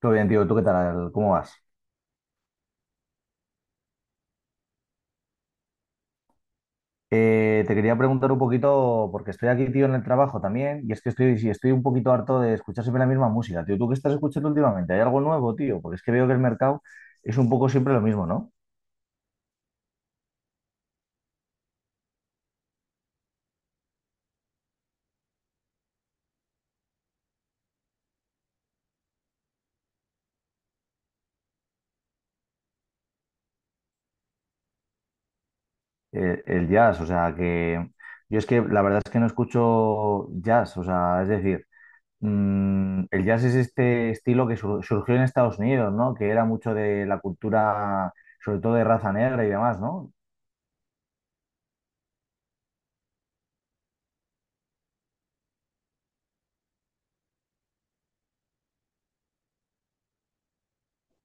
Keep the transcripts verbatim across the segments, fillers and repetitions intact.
Todo bien, tío. ¿Tú qué tal? ¿Cómo vas? Eh, te quería preguntar un poquito, porque estoy aquí, tío, en el trabajo también, y es que estoy, sí, estoy un poquito harto de escuchar siempre la misma música, tío. ¿Tú qué estás escuchando últimamente? ¿Hay algo nuevo, tío? Porque es que veo que el mercado es un poco siempre lo mismo, ¿no? Eh, el jazz, o sea, que yo es que la verdad es que no escucho jazz, o sea, es decir, mm, el jazz es este estilo que sur- surgió en Estados Unidos, ¿no? Que era mucho de la cultura, sobre todo de raza negra y demás, ¿no?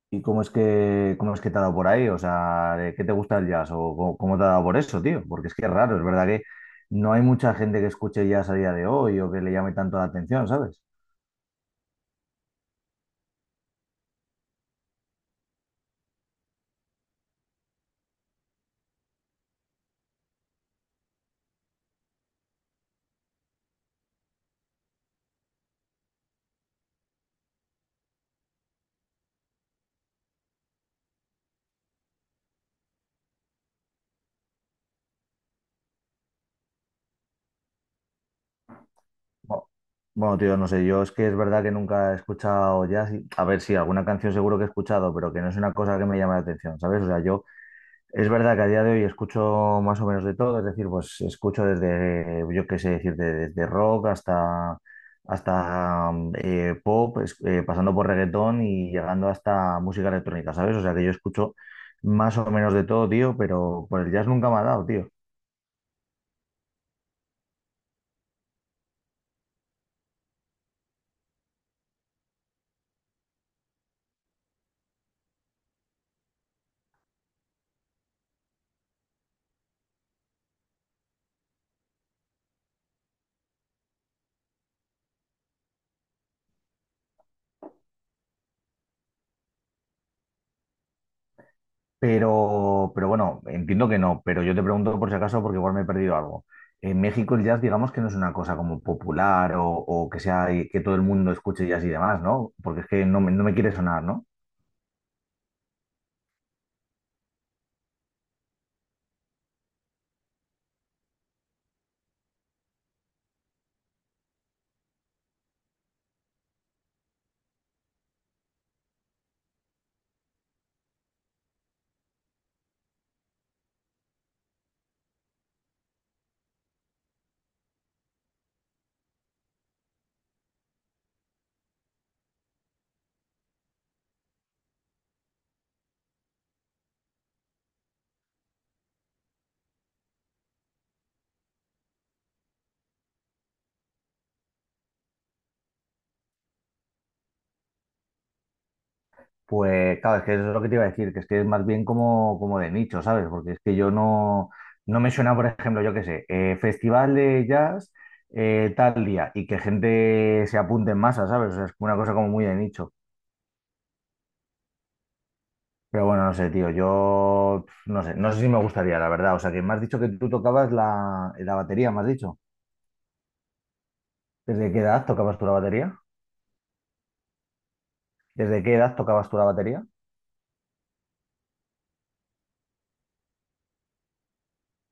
¿Y cómo es que, cómo es que te ha dado por ahí? O sea, ¿de ¿qué te gusta el jazz? ¿O cómo, cómo te ha dado por eso, tío? Porque es que es raro, es verdad que no hay mucha gente que escuche jazz a día de hoy o que le llame tanto la atención, ¿sabes? Bueno, bueno, tío, no sé, yo es que es verdad que nunca he escuchado jazz. y- A ver, sí, alguna canción seguro que he escuchado, pero que no es una cosa que me llame la atención, ¿sabes? O sea, yo es verdad que a día de hoy escucho más o menos de todo, es decir, pues escucho desde, yo qué sé decir, de- desde rock hasta, hasta eh, pop, es- eh, pasando por reggaetón y llegando hasta música electrónica, ¿sabes? O sea que yo escucho más o menos de todo, tío, pero por el jazz nunca me ha dado, tío. Pero, pero bueno, entiendo que no, pero yo te pregunto por si acaso porque igual me he perdido algo. En México el jazz, digamos que no es una cosa como popular o, o que sea que todo el mundo escuche jazz y demás, ¿no? Porque es que no, me- no me quiere sonar, ¿no? Pues claro, es que eso es lo que te iba a decir, que es que es más bien como, como de nicho, ¿sabes? Porque es que yo no, no me suena, por ejemplo, yo qué sé, eh, festival de jazz eh, tal día y que gente se apunte en masa, ¿sabes? O sea, es una cosa como muy de nicho. Pero bueno, no sé, tío, yo pf, no sé, no sé si me gustaría, la verdad. O sea, que me has dicho que tú tocabas la, la batería, me has dicho. ¿Desde qué edad tocabas tú la batería? ¿Desde qué edad tocabas tú la batería?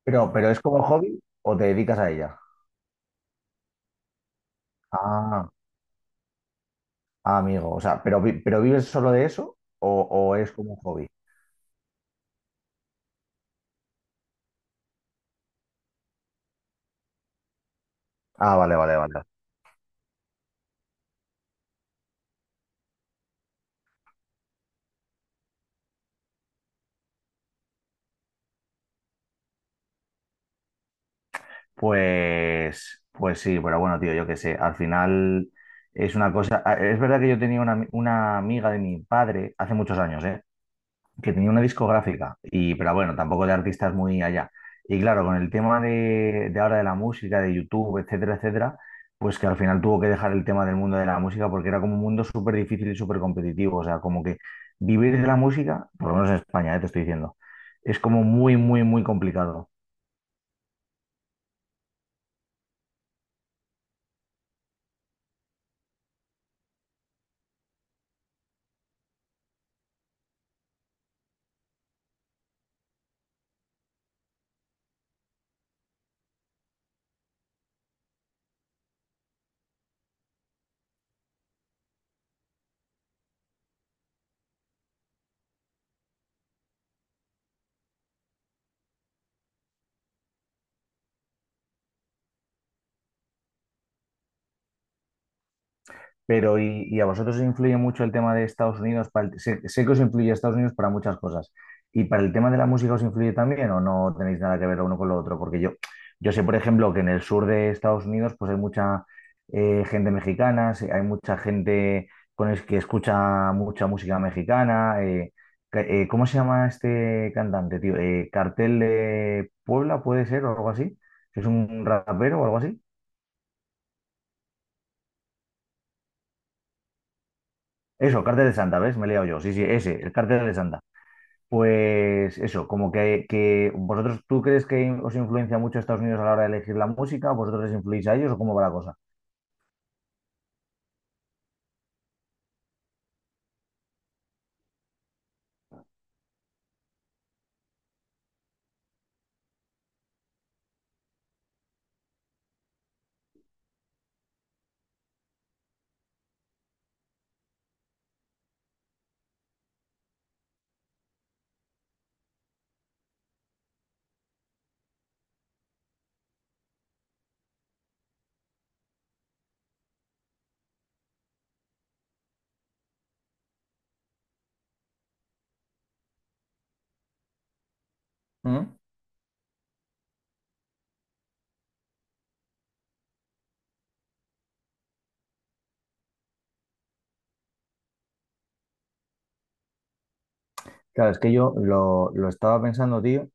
Pero, pero ¿es como hobby o te dedicas a ella? Ah. Ah, amigo, o sea, ¿pero, vi- pero vives solo de eso o, o es como un hobby? Ah, vale, vale, vale. Pues, pues sí, pero bueno, tío, yo qué sé, al final es una cosa... ah, es verdad que yo tenía una, ami- una amiga de mi padre hace muchos años, ¿eh? Que tenía una discográfica, y, pero bueno, tampoco de artistas muy allá. Y claro, con el tema de, de ahora de la música, de YouTube, etcétera, etcétera, pues que al final tuvo que dejar el tema del mundo de la música porque era como un mundo súper difícil y súper competitivo. O sea, como que vivir de la música, por lo menos en España, eh, te estoy diciendo, es como muy, muy, muy complicado. Pero, ¿y, y a vosotros os influye mucho el tema de Estados Unidos? Para el- sé, sé que os influye Estados Unidos para muchas cosas. ¿Y para el tema de la música os influye también o no tenéis nada que ver lo uno con lo otro? Porque yo, yo sé, por ejemplo, que en el sur de Estados Unidos pues hay mucha eh, gente mexicana, sí, hay mucha gente con el que escucha mucha música mexicana. Eh, ca- eh, ¿cómo se llama este cantante, tío? Eh, Cartel de Puebla, puede ser, o algo así. ¿Es un rapero o algo así? Eso, Cartel de Santa, ¿ves? Me he liado yo. Sí, sí, ese, el Cartel de Santa. Pues eso, como que, que vosotros, ¿tú crees que os influencia mucho Estados Unidos a la hora de elegir la música? ¿Vosotros les influís a ellos o cómo va la cosa? ¿Mm? Claro, es que yo lo, lo estaba pensando, tío,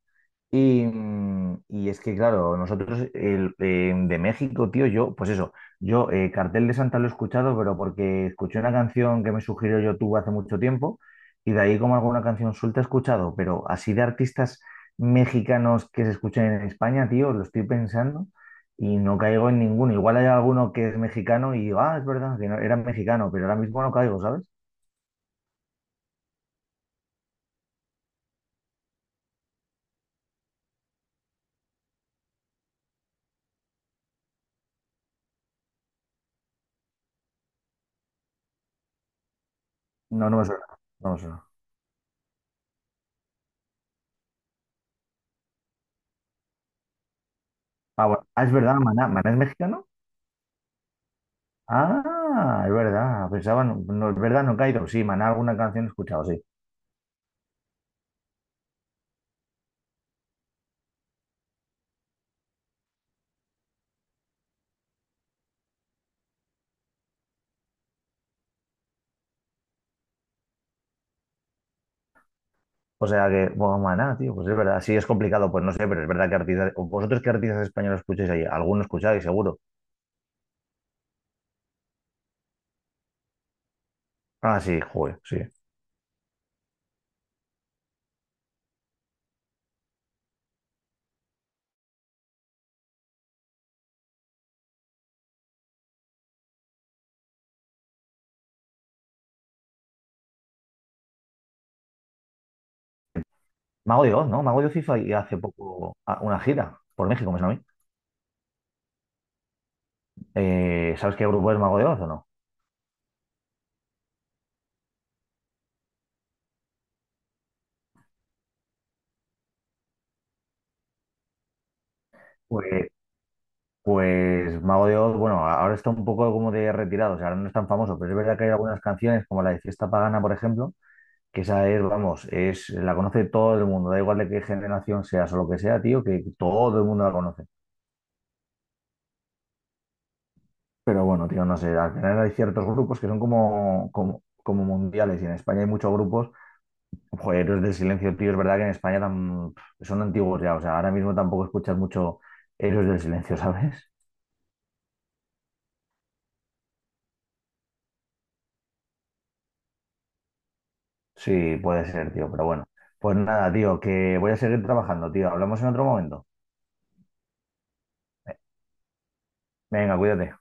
y, mm, y es que, claro, nosotros el, eh, de México, tío, yo, pues eso, yo eh, Cartel de Santa lo he escuchado, pero porque escuché una canción que me sugirió YouTube hace mucho tiempo y de ahí como alguna canción suelta he escuchado, pero así de artistas mexicanos que se escuchen en España, tío, lo estoy pensando y no caigo en ninguno. Igual hay alguno que es mexicano y digo, ah, es verdad, que no- era mexicano, pero ahora mismo no caigo, ¿sabes? No, no me suena, no me suena. Ah, bueno, ah, es verdad, Maná, ¿Maná es mexicano? Ah, es verdad, pensaba, no, no, es verdad, no he caído. Sí, Maná, alguna canción he escuchado, sí. O sea que, bueno, Maná, tío, pues es verdad, sí es complicado, pues no sé, pero es verdad que artistas, o vosotros qué artistas españoles escucháis ahí, alguno escucháis, seguro. Ah, sí, joder, sí. Mago de Oz, ¿no? Mago de Oz hizo ahí hace poco ah, una gira por México, me suena a mí. Eh, ¿sabes qué grupo es Mago de Oz o no? Pues, pues Mago de Oz, bueno, ahora está un poco como de retirado, o sea, ahora no es tan famoso, pero es verdad que hay algunas canciones, como la de Fiesta Pagana, por ejemplo, que esa es, vamos, es, la conoce todo el mundo, da igual de qué generación seas o lo que sea, tío, que todo el mundo la conoce. Pero bueno, tío, no sé, al final hay ciertos grupos que son como, como, como mundiales y en España hay muchos grupos, joder, Héroes del Silencio, tío, es verdad que en España tam- son antiguos ya, o sea, ahora mismo tampoco escuchas mucho Héroes del Silencio, ¿sabes? Sí, puede ser, tío, pero bueno. Pues nada, tío, que voy a seguir trabajando, tío. Hablamos en otro momento. Venga, cuídate.